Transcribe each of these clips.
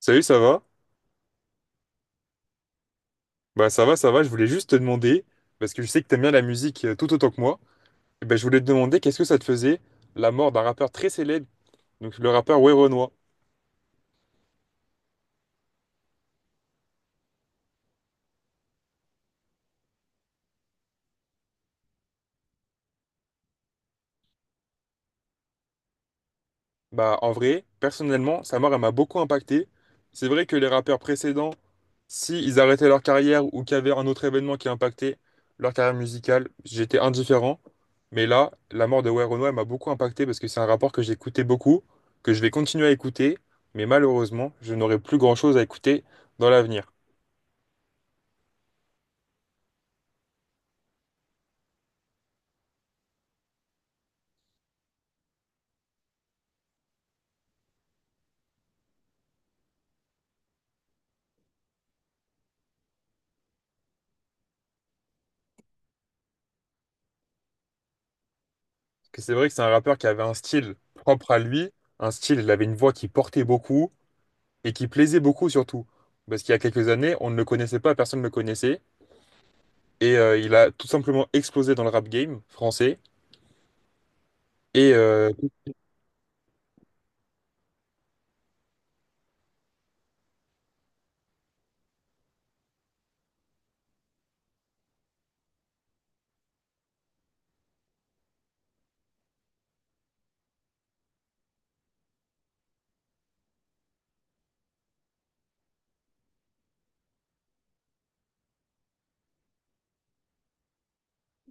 Salut, ça va? Ça va, ça va, je voulais juste te demander, parce que je sais que t'aimes bien la musique tout autant que moi, et je voulais te demander qu'est-ce que ça te faisait la mort d'un rappeur très célèbre, donc le rappeur Werenoi. En vrai, personnellement, sa mort elle m'a beaucoup impacté. C'est vrai que les rappeurs précédents, si ils arrêtaient leur carrière ou qu'il y avait un autre événement qui impactait leur carrière musicale, j'étais indifférent. Mais là, la mort de Werenoi elle m'a beaucoup impacté parce que c'est un rappeur que j'écoutais beaucoup, que je vais continuer à écouter, mais malheureusement, je n'aurai plus grand-chose à écouter dans l'avenir. Que c'est vrai que c'est un rappeur qui avait un style propre à lui, un style, il avait une voix qui portait beaucoup et qui plaisait beaucoup surtout. Parce qu'il y a quelques années, on ne le connaissait pas, personne ne le connaissait. Et il a tout simplement explosé dans le rap game français. Et, euh,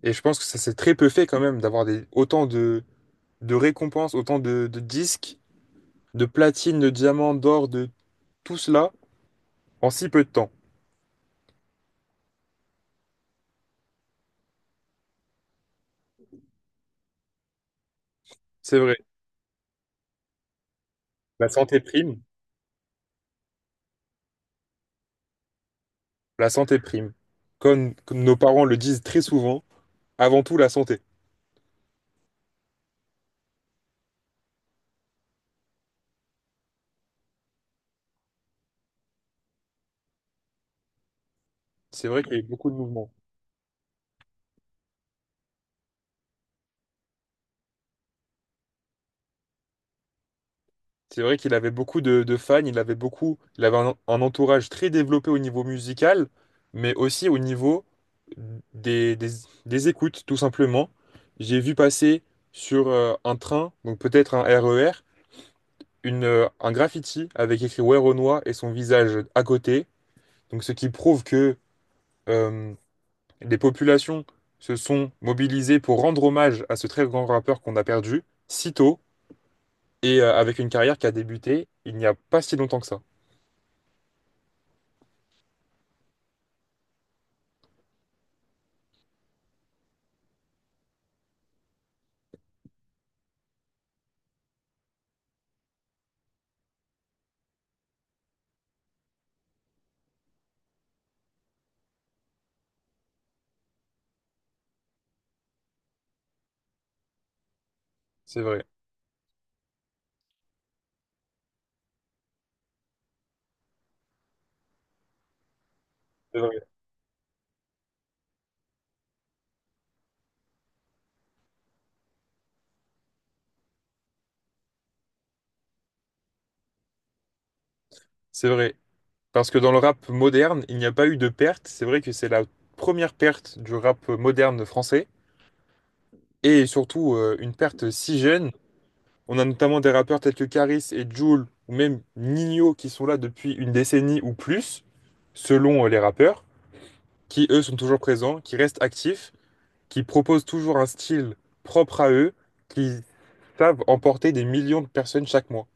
et je pense que ça s'est très peu fait quand même d'avoir des, autant de récompenses, autant de disques, de platines, de diamants, d'or, de tout cela en si peu de temps. C'est vrai. La santé prime, la santé prime. Comme nos parents le disent très souvent, avant tout la santé. C'est vrai qu'il y avait beaucoup de mouvements. C'est vrai qu'il avait beaucoup de fans, il avait beaucoup, il avait un entourage très développé au niveau musical, mais aussi au niveau des, des- des écoutes, tout simplement. J'ai vu passer sur un train, donc peut-être un RER, un graffiti avec écrit Where Renoir et son visage à côté. Donc ce qui prouve que euh, les populations se sont mobilisées pour rendre hommage à ce très grand rappeur qu'on a perdu si tôt. Et avec une carrière qui a débuté il n'y a pas si longtemps que ça. C'est vrai. C'est vrai. C'est vrai. Parce que dans le rap moderne, il n'y a pas eu de perte. C'est vrai que c'est la première perte du rap moderne français. Et surtout, une perte si jeune. On a notamment des rappeurs tels que Karis et Jul, ou même Nino, qui sont là depuis une décennie ou plus, selon les rappeurs, qui eux sont toujours présents, qui restent actifs, qui proposent toujours un style propre à eux, qui savent emporter des millions de personnes chaque mois.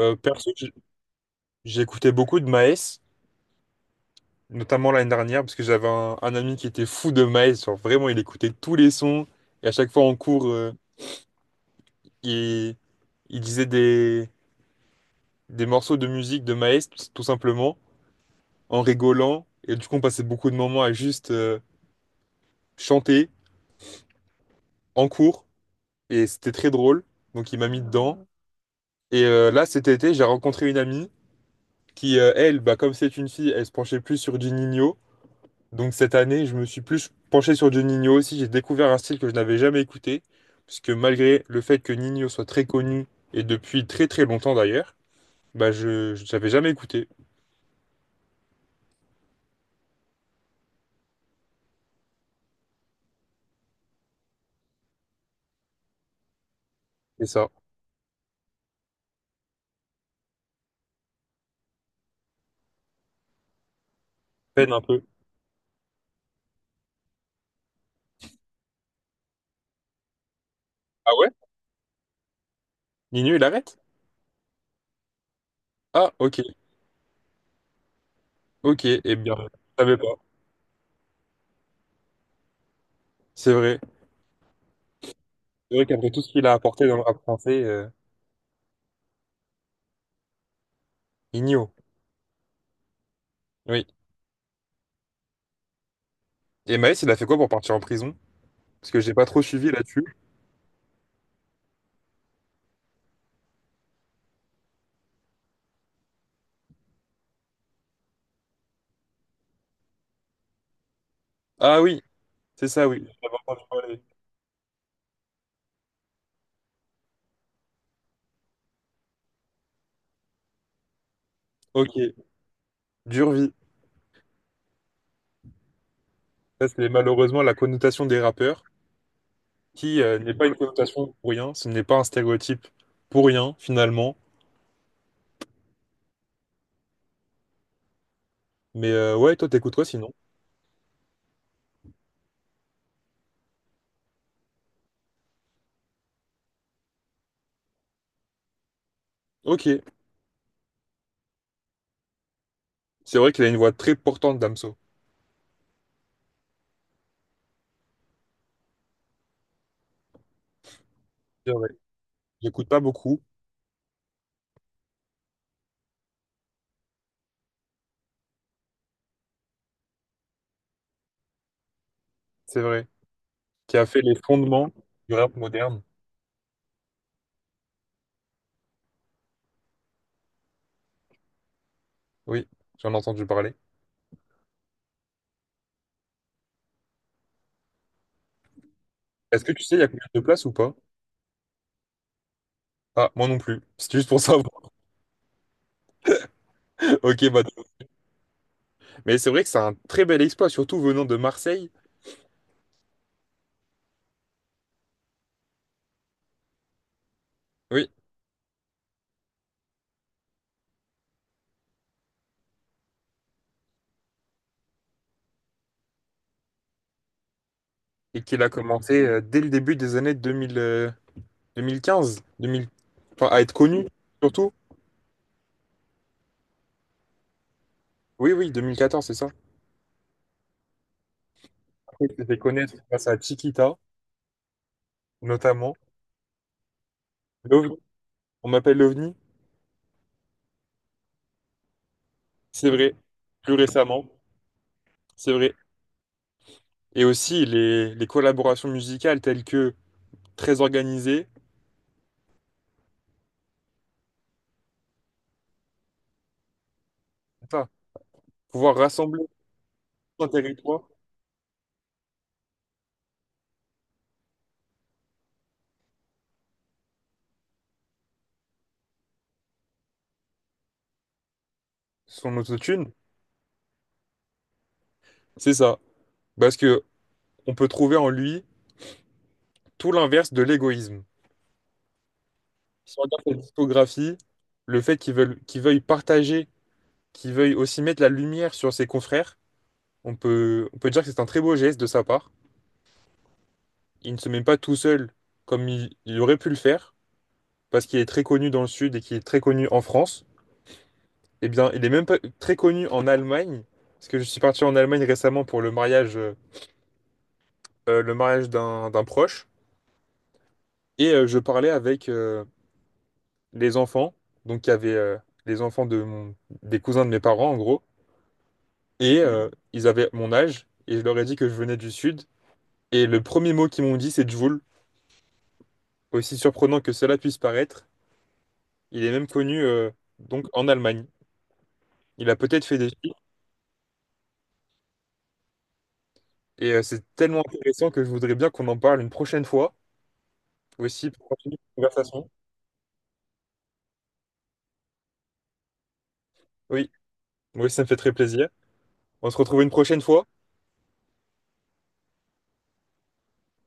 Perso, j'ai écouté beaucoup de Maes, notamment l'année dernière, parce que j'avais un ami qui était fou de Maes. Genre vraiment, il écoutait tous les sons. Et à chaque fois en cours, il, il disait des morceaux de musique de Maes, tout tout simplement, en rigolant. Et du coup, on passait beaucoup de moments à juste chanter en cours. Et c'était très drôle. Donc, il m'a mis dedans. Ah. Et là, cet été, j'ai rencontré une amie qui, comme c'est une fille, elle se penchait plus sur du Juninho. Donc cette année, je me suis plus penché sur du Ninho aussi. J'ai découvert un style que je n'avais jamais écouté, puisque malgré le fait que Ninho soit très connu, et depuis très très longtemps d'ailleurs, je n'avais jamais écouté. C'est ça. Peine un peu. Ah ouais? Ninho, il arrête? Ah ok, ok, eh bien, je savais pas. C'est vrai. C'est vrai qu'après tout ce qu'il a apporté dans le rap français, Ninho. Oui. Et Maës, il a fait quoi pour partir en prison? Parce que j'ai pas trop suivi là-dessus. Ah oui, c'est ça, oui. J'avais entendu parler. Ok, dure vie. Ça, c'est malheureusement la connotation des rappeurs. Qui n'est pas une connotation pour rien, ce n'est pas un stéréotype pour rien, finalement. Mais ouais, toi, t'écouterais sinon. Ok, c'est vrai qu'il a une voix très portante, Damso. C'est vrai. J'écoute pas beaucoup, c'est vrai. Qui a fait les fondements du rap moderne. Oui, j'en ai entendu parler. Est-ce que tu sais, il y a combien de places ou pas? Ah, moi non plus. C'est juste pour savoir. Ok, bah. Mais c'est vrai que c'est un très bel exploit, surtout venant de Marseille. Oui. Et qu'il a commencé dès le début des années deux mille quinze, à être connu, surtout. Oui, oui, 2014 c'est ça. Après, je t'ai fait connaître grâce à Chiquita, notamment. L'OVNI. On m'appelle l'OVNI, c'est vrai. Plus récemment, c'est vrai. Et aussi les collaborations musicales telles que très organisées, c'est ça. Pouvoir rassembler tout un territoire, son autotune, c'est ça. Parce que on peut trouver en lui tout l'inverse de l'égoïsme. Si on regarde cette discographie, le fait qu'il veuille partager, qu'il veuille aussi mettre la lumière sur ses confrères, on peut dire que c'est un très beau geste de sa part. Il ne se met pas tout seul comme il aurait pu le faire, parce qu'il est très connu dans le Sud et qu'il est très connu en France, eh bien, il est même pas très connu en Allemagne, parce que je suis parti en Allemagne récemment pour le mariage d'un proche, et je parlais avec les enfants, donc il y avait les enfants de mon- des cousins de mes parents en gros, et ils avaient mon âge, et je leur ai dit que je venais du Sud, et le premier mot qu'ils m'ont dit c'est Jvoul, aussi surprenant que cela puisse paraître, il est même connu donc en Allemagne. Il a peut-être fait des films et c'est tellement intéressant que je voudrais bien qu'on en parle une prochaine fois aussi pour continuer la conversation. Oui, moi aussi ça me fait très plaisir. On se retrouve une prochaine fois.